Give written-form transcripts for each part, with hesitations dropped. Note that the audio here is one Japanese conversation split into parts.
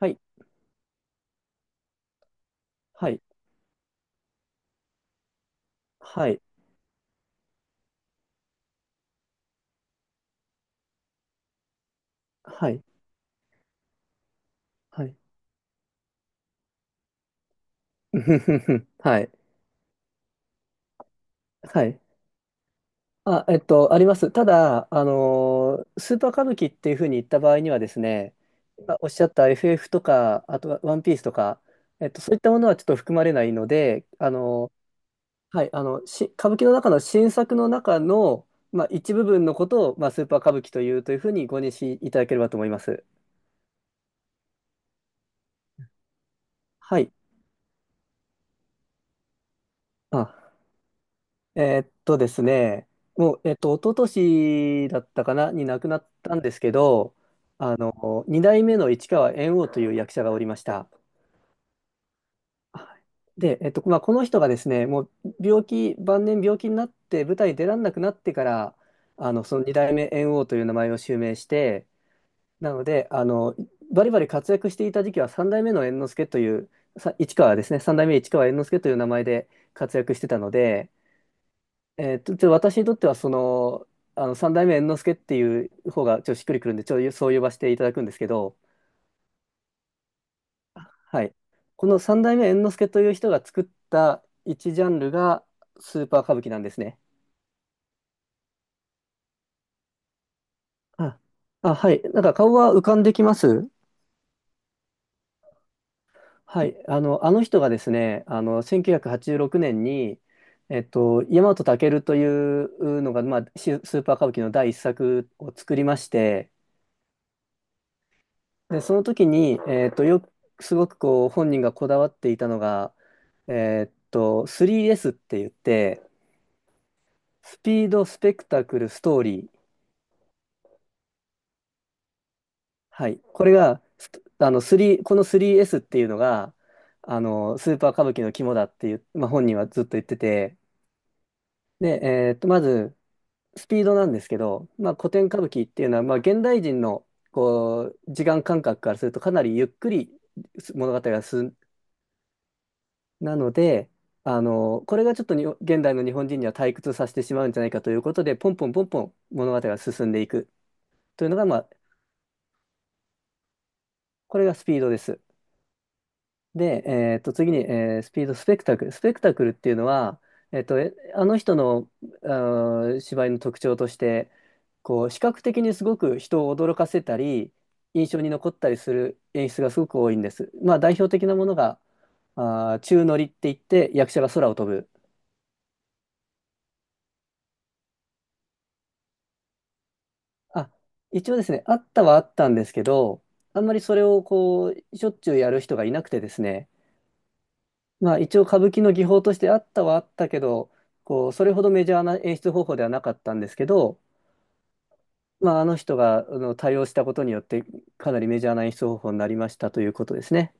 はい、はい、はい、はい、はい。うふふふはい、はい。あ、あります。ただ、スーパー歌舞伎っていうふうに言った場合にはですね、今おっしゃった FF とか、あとはワンピースとか、そういったものはちょっと含まれないので、はい、歌舞伎の中の新作の中の、まあ、一部分のことを、まあ、スーパー歌舞伎というふうにご認識いただければと思います。はい。あですね、もう、一昨年だったかな、に亡くなったんですけど、二代目の市川猿翁という役者がおりました。はい。で、まあ、この人がですね、もう病気、晩年病気になって舞台に出られなくなってから、その二代目猿翁という名前を襲名して、なので、バリバリ活躍していた時期は三代目の猿之助という、市川ですね、三代目市川猿之助という名前で活躍してたので、私にとっては、三代目猿之助っていう方が、ちょっとしっくりくるんで、そう呼ばせていただくんですけど、はい。この三代目猿之助という人が作った一ジャンルが、スーパー歌舞伎なんですね。あ、あ、はい。なんか顔は浮かんできます。はい。あの人がですね、1986年に、大和健というのが、まあ、スーパー歌舞伎の第一作を作りまして、で、その時に、よく、すごくこう、本人がこだわっていたのが、3S って言って、スピード、スペクタクル、ストーリー。はい。これが、スあの、3、この 3S っていうのが、スーパー歌舞伎の肝だっていう、まあ、本人はずっと言ってて、で、まず、スピードなんですけど、まあ、古典歌舞伎っていうのは、まあ、現代人の、こう、時間感覚からすると、かなりゆっくり物語がなので、これがちょっとに現代の日本人には退屈させてしまうんじゃないかということで、ポンポンポンポン物語が進んでいくというのが、まあ、これがスピードです。で、次に、スピードスペクタクル。スペクタクルっていうのは、あの人の、芝居の特徴として、こう、視覚的にすごく人を驚かせたり、印象に残ったりする演出がすごく多いんです。まあ、代表的なものが、宙乗りって言って、役者が空を飛ぶ。あ、一応ですね、あったはあったんですけど、あんまりそれをこう、しょっちゅうやる人がいなくてですね、まあ一応歌舞伎の技法としてあったはあったけど、こう、それほどメジャーな演出方法ではなかったんですけど、まああの人が対応したことによってかなりメジャーな演出方法になりましたということですね。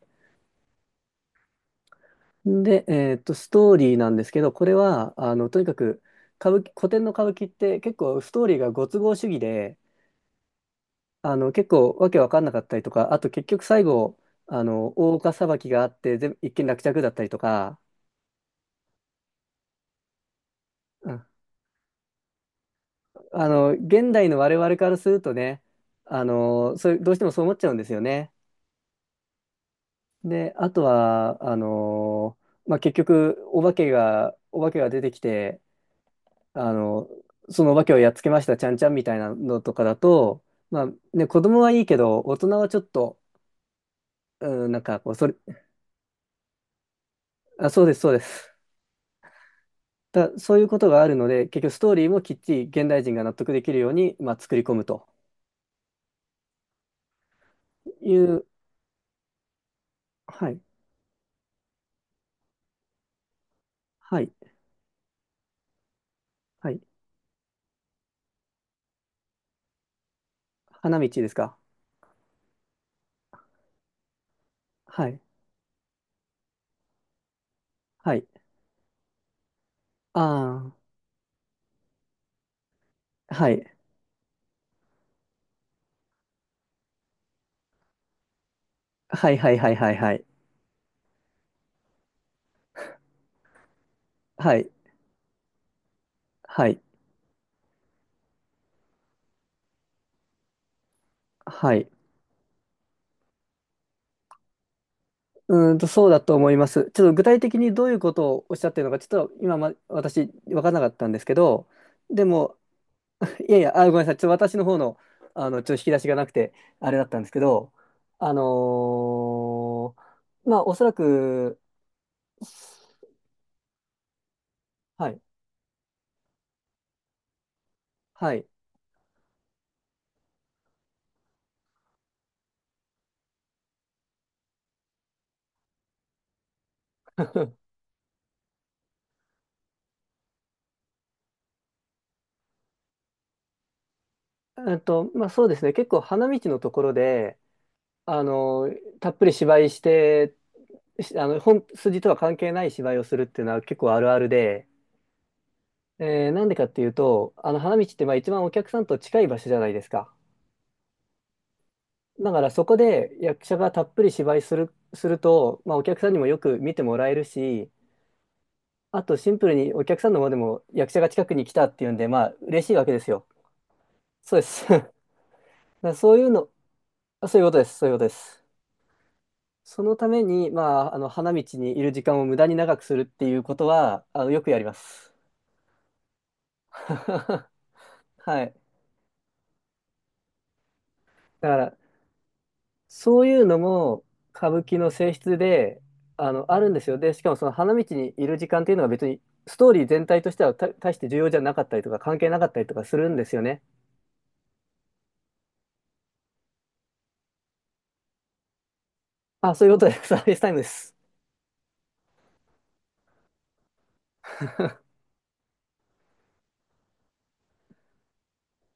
で、ストーリーなんですけど、これは、とにかく歌舞伎、古典の歌舞伎って結構ストーリーがご都合主義で、結構わけわかんなかったりとか、あと結局最後、大岡裁きがあって、全部一件落着だったりとか、うん、現代の我々からするとね、そういう、どうしてもそう思っちゃうんですよね。で、あとは、まあ、結局、お化けが出てきて、あの、そのお化けをやっつけました、ちゃんちゃんみたいなのとかだと、まあ、ね、子供はいいけど、大人はちょっと、うん、なんかこう、それ、あ、そうです、そうです。そういうことがあるので、結局ストーリーもきっちり現代人が納得できるように、まあ、作り込むという、はい、はい、はい。花道ですか？はい、はい。ああ、はい、はい、はい、はい、はい、はい、はい、はい、はい。そうだと思います。ちょっと具体的にどういうことをおっしゃってるのか、ちょっと今、私、分からなかったんですけど、でも、いやいや、あ、ごめんなさい。ちょっと私の方の、ちょっと引き出しがなくて、あれだったんですけど、あのまあ、おそらく、はい、はい。まあ、そうですね。結構花道のところで、たっぷり芝居して、しあの、本筋とは関係ない芝居をするっていうのは結構あるあるで、なんでかっていうと、花道ってまあ一番お客さんと近い場所じゃないですか。だからそこで役者がたっぷり芝居する、すると、まあ、お客さんにもよく見てもらえるし、あとシンプルにお客さんの方でも役者が近くに来たっていうんで、まあ嬉しいわけですよ。そうです。だからそういうの、そういうことです。そういうことです。そのために、まあ、あの花道にいる時間を無駄に長くするっていうことは、よくやります。はい。だからそういうのも歌舞伎の性質で、あるんですよ。で、しかもその花道にいる時間っていうのが別にストーリー全体としては大して重要じゃなかったりとか関係なかったりとかするんですよね。あ、そういうことです。サービスタイムです。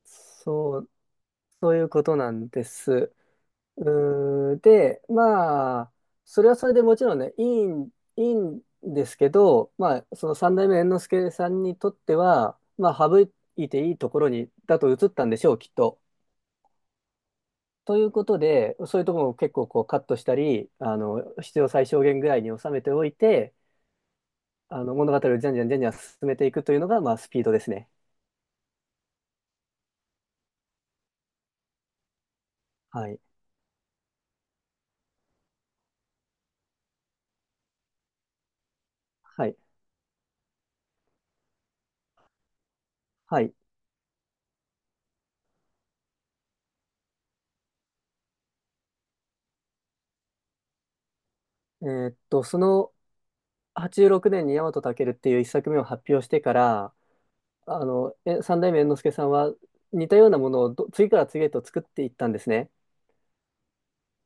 そう、そういうことなんです。で、まあ、それはそれでもちろんね、いいんですけど、まあ、その三代目猿之助さんにとっては、まあ、省いていいところに、だと映ったんでしょう、きっと。ということで、そういうところを結構こうカットしたり、必要最小限ぐらいに収めておいて、物語をじゃんじゃんじゃんじゃん進めていくというのが、まあ、スピードですね。はい。はい。はい。その86年に大和健っていう一作目を発表してから、三代目猿之助さんは似たようなものを次から次へと作っていったんですね。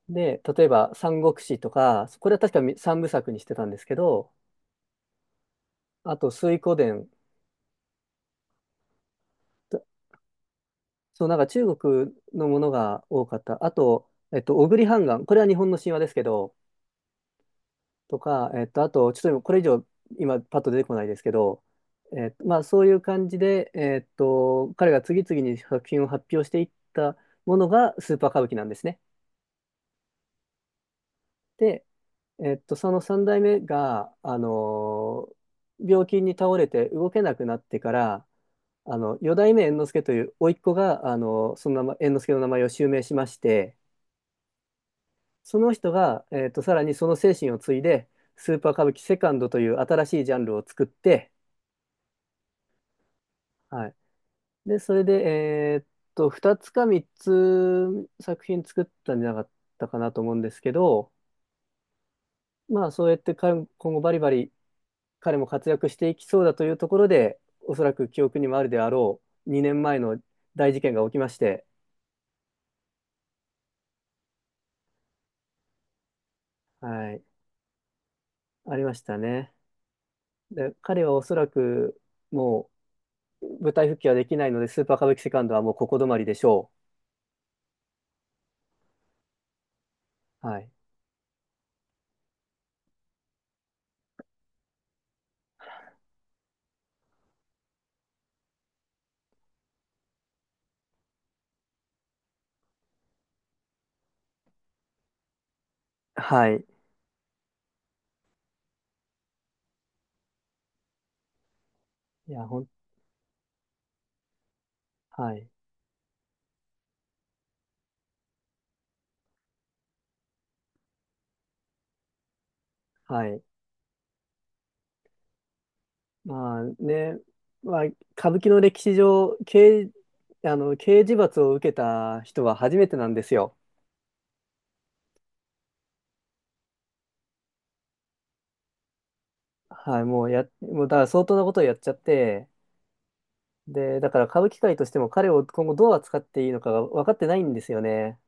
で、例えば、三国志とか、これは確か三部作にしてたんですけど、あと、水滸伝、そう、なんか中国のものが多かった。あと、小栗半ンこれは日本の神話ですけど、とか、あと、ちょっと今これ以上、今、パッと出てこないですけど、まあ、そういう感じで、彼が次々に作品を発表していったものがスーパー歌舞伎なんですね。で、その三代目が、病気に倒れて動けなくなってから、四代目猿之助という甥っ子が、その名前、猿之助の名前を襲名しまして、その人が、さらにその精神を継いで、スーパー歌舞伎セカンドという新しいジャンルを作って、はい。で、それで、2つか3つ作品作ったんじゃなかったかなと思うんですけど、まあ、そうやって彼も今後バリバリ彼も活躍していきそうだというところで、おそらく記憶にもあるであろう2年前の大事件が起きまして、はい、ありましたね。で、彼はおそらくもう舞台復帰はできないので、スーパー歌舞伎セカンドはもうここ止まりでしょう。はい。はい。いや、はい。はい。まあね、まあ、歌舞伎の歴史上、刑、あの、刑事罰を受けた人は初めてなんですよ。はい。もうだから相当なことをやっちゃって、で、だから歌舞伎界としても彼を今後どう扱っていいのかが分かってないんですよね。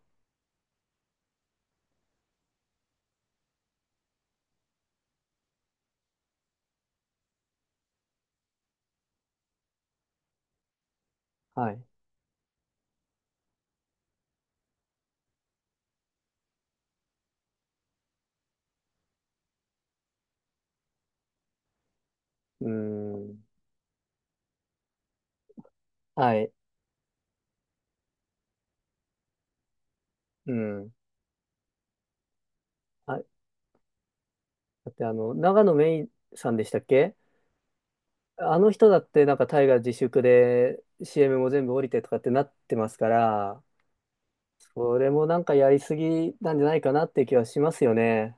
はい。うーん。はい。うん。あ、だって長野芽いさんでしたっけ？あの人だってなんか大河自粛で CM も全部降りてとかってなってますから、それもなんかやりすぎなんじゃないかなっていう気はしますよね。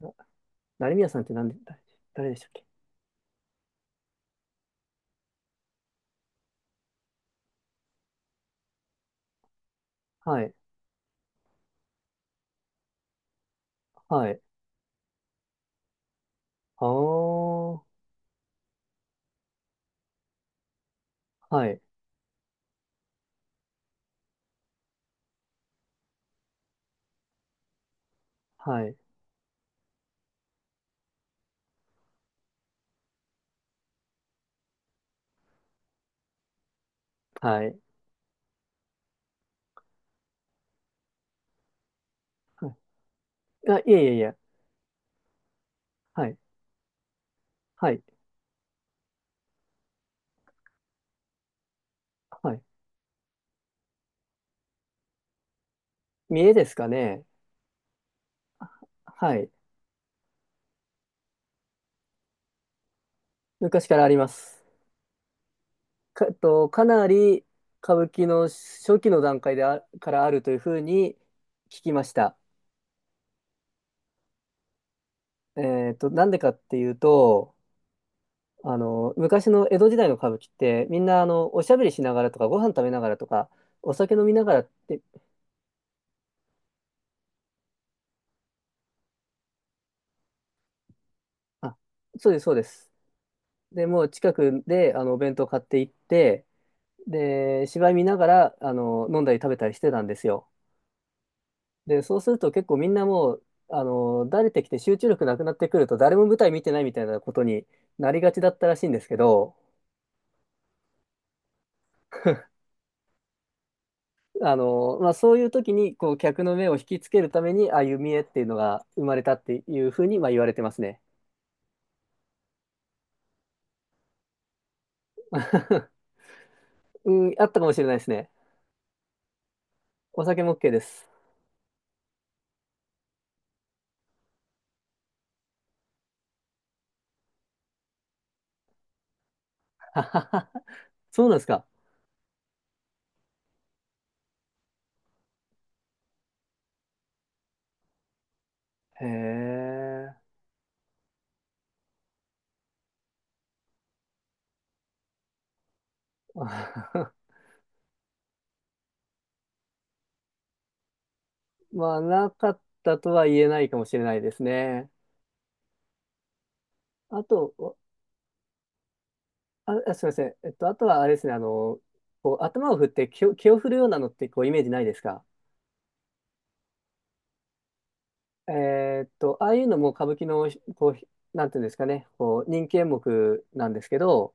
な成宮さんって誰でしたっけ？はい、はい。あー、はい、はい、はい。はい、あ、いえいえいえ、はい、はい、はい。見栄ですかね？はい。昔からあります。か、えっと、かなり歌舞伎の初期の段階からあるというふうに聞きました。なんでかっていうと、昔の江戸時代の歌舞伎って、みんな、おしゃべりしながらとか、ご飯食べながらとか、お酒飲みながらって、あ、そうです、そうです。で、もう近くで、お弁当買って行って、で、芝居見ながら、飲んだり食べたりしてたんですよ。で、そうすると結構みんなもう、慣れてきて集中力なくなってくると、誰も舞台見てないみたいなことになりがちだったらしいんですけど、まあ、そういう時に、こう、客の目を引きつけるために、ああいう見栄っていうのが生まれたっていうふうに、まあ、言われてますね。うん、あったかもしれないですね。お酒も OK です。そうなんですか。へえ。まあ、なかったとは言えないかもしれないですね。あと、おあ、あすみません。あとはあれですね、こう、頭を振って気を振るようなのって、こう、イメージないですか？ああいうのも歌舞伎の、こう、なんていうんですかね、こう、人気演目なんですけど、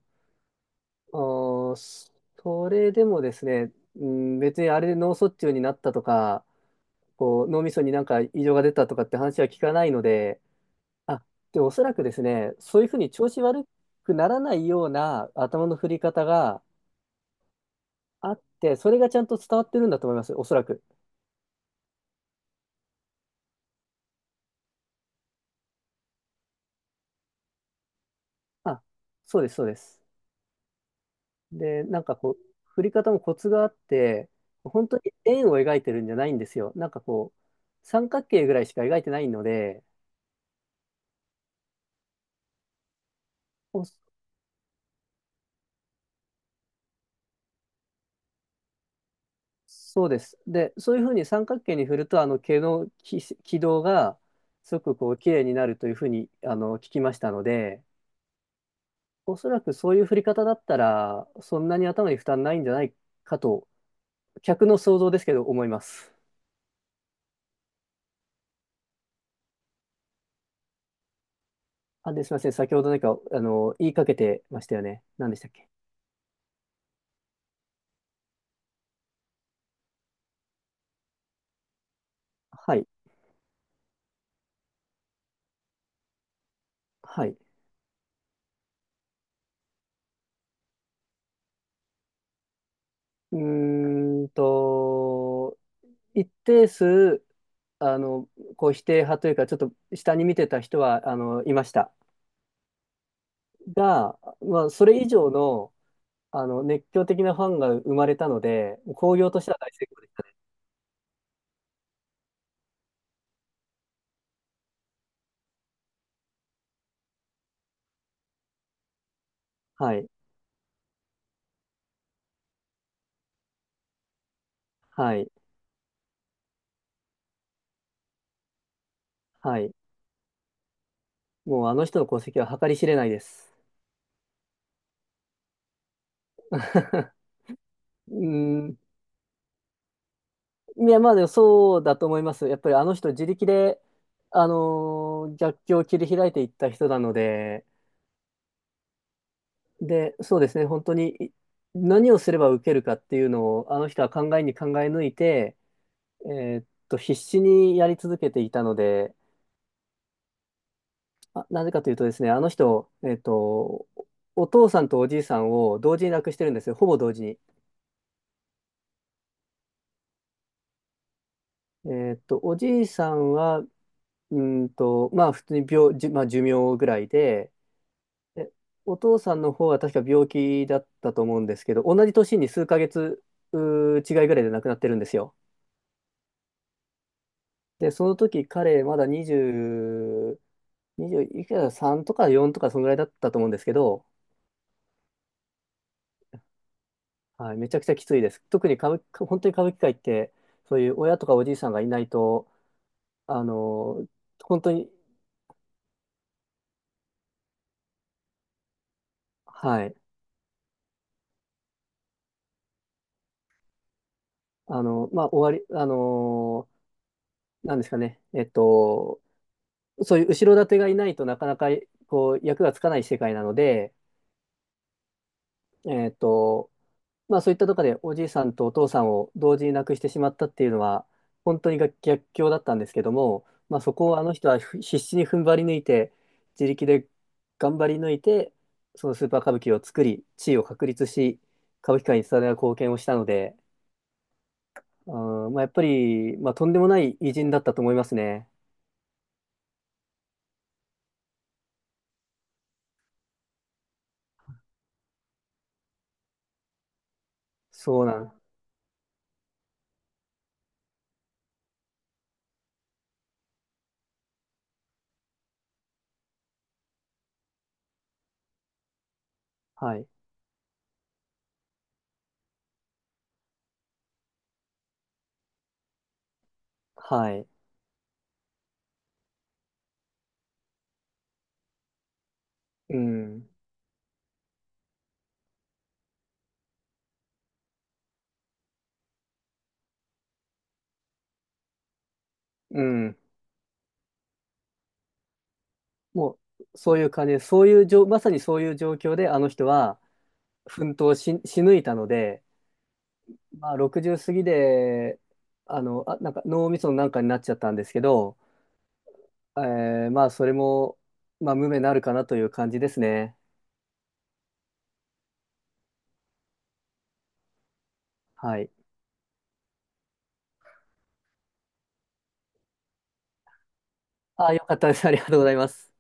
おーそそれでもですね、うん、別にあれで脳卒中になったとか、こう、脳みそになんか異常が出たとかって話は聞かないので、あ、で、おそらくですね、そういうふうに調子悪くならないような頭の振り方があって、それがちゃんと伝わってるんだと思います、おそらく。あ、そうです、そうです。で、なんかこう、振り方もコツがあって、本当に円を描いてるんじゃないんですよ。なんかこう、三角形ぐらいしか描いてないので、おそうです。で、そういうふうに三角形に振ると、毛の軌道が、すごくこう、綺麗になるというふうに、聞きましたので、おそらくそういう振り方だったら、そんなに頭に負担ないんじゃないかと、客の想像ですけど、思います。あ、で、すみません。先ほど何か、言いかけてましたよね。何でしたっけ？はい。はい。うーんと、一定数、あの、こう否定派というか、ちょっと下に見てた人は、いました。が、まあ、それ以上の、熱狂的なファンが生まれたので、興行としては大成功です。はい。はい。はい。もうあの人の功績は計り知れないです。うーん。いや、まあ、でもそうだと思います。やっぱりあの人自力で、逆境を切り開いていった人なので、で、そうですね、本当に何をすれば受けるかっていうのを、あの人は考えに考え抜いて、必死にやり続けていたので、あ、なぜかというとですね、あの人、お父さんとおじいさんを同時に亡くしてるんですよ、ほぼ同時に。おじいさんは、まあ、普通にまあ、寿命ぐらいで、でお父さんの方は確か病気だったと思うんですけど、同じ年に数ヶ月、違いぐらいで亡くなってるんですよ。で、その時彼、まだ20、20、にじゅういくら3とか4とか、そのぐらいだったと思うんですけど、はい、めちゃくちゃきついです。特に歌舞伎、本当に歌舞伎界って、そういう親とかおじいさんがいないと、あの、本当に、はい、まあ、終わり、なんですかね、そういう後ろ盾がいないとなかなか、こう、役がつかない世界なので、えっと、まあそういったとこでおじいさんとお父さんを同時に亡くしてしまったっていうのは本当にが逆境だったんですけども、まあ、そこをあの人は必死に踏ん張り抜いて自力で頑張り抜いてそのスーパー歌舞伎を作り地位を確立し歌舞伎界に伝わる貢献をしたので、うんまあ、やっぱり、まあ、とんでもない偉人だったと思いますね。そうなん、はい、はい、うん、うん、もうそういう感じでそういう状まさにそういう状況であの人は奮闘し抜いたので、まあ、60過ぎで、なんか脳みそのなんかになっちゃったんですけど、まあ、それも、まあ、無名になるかなという感じですね。はい。あ、よかったです。ありがとうございます。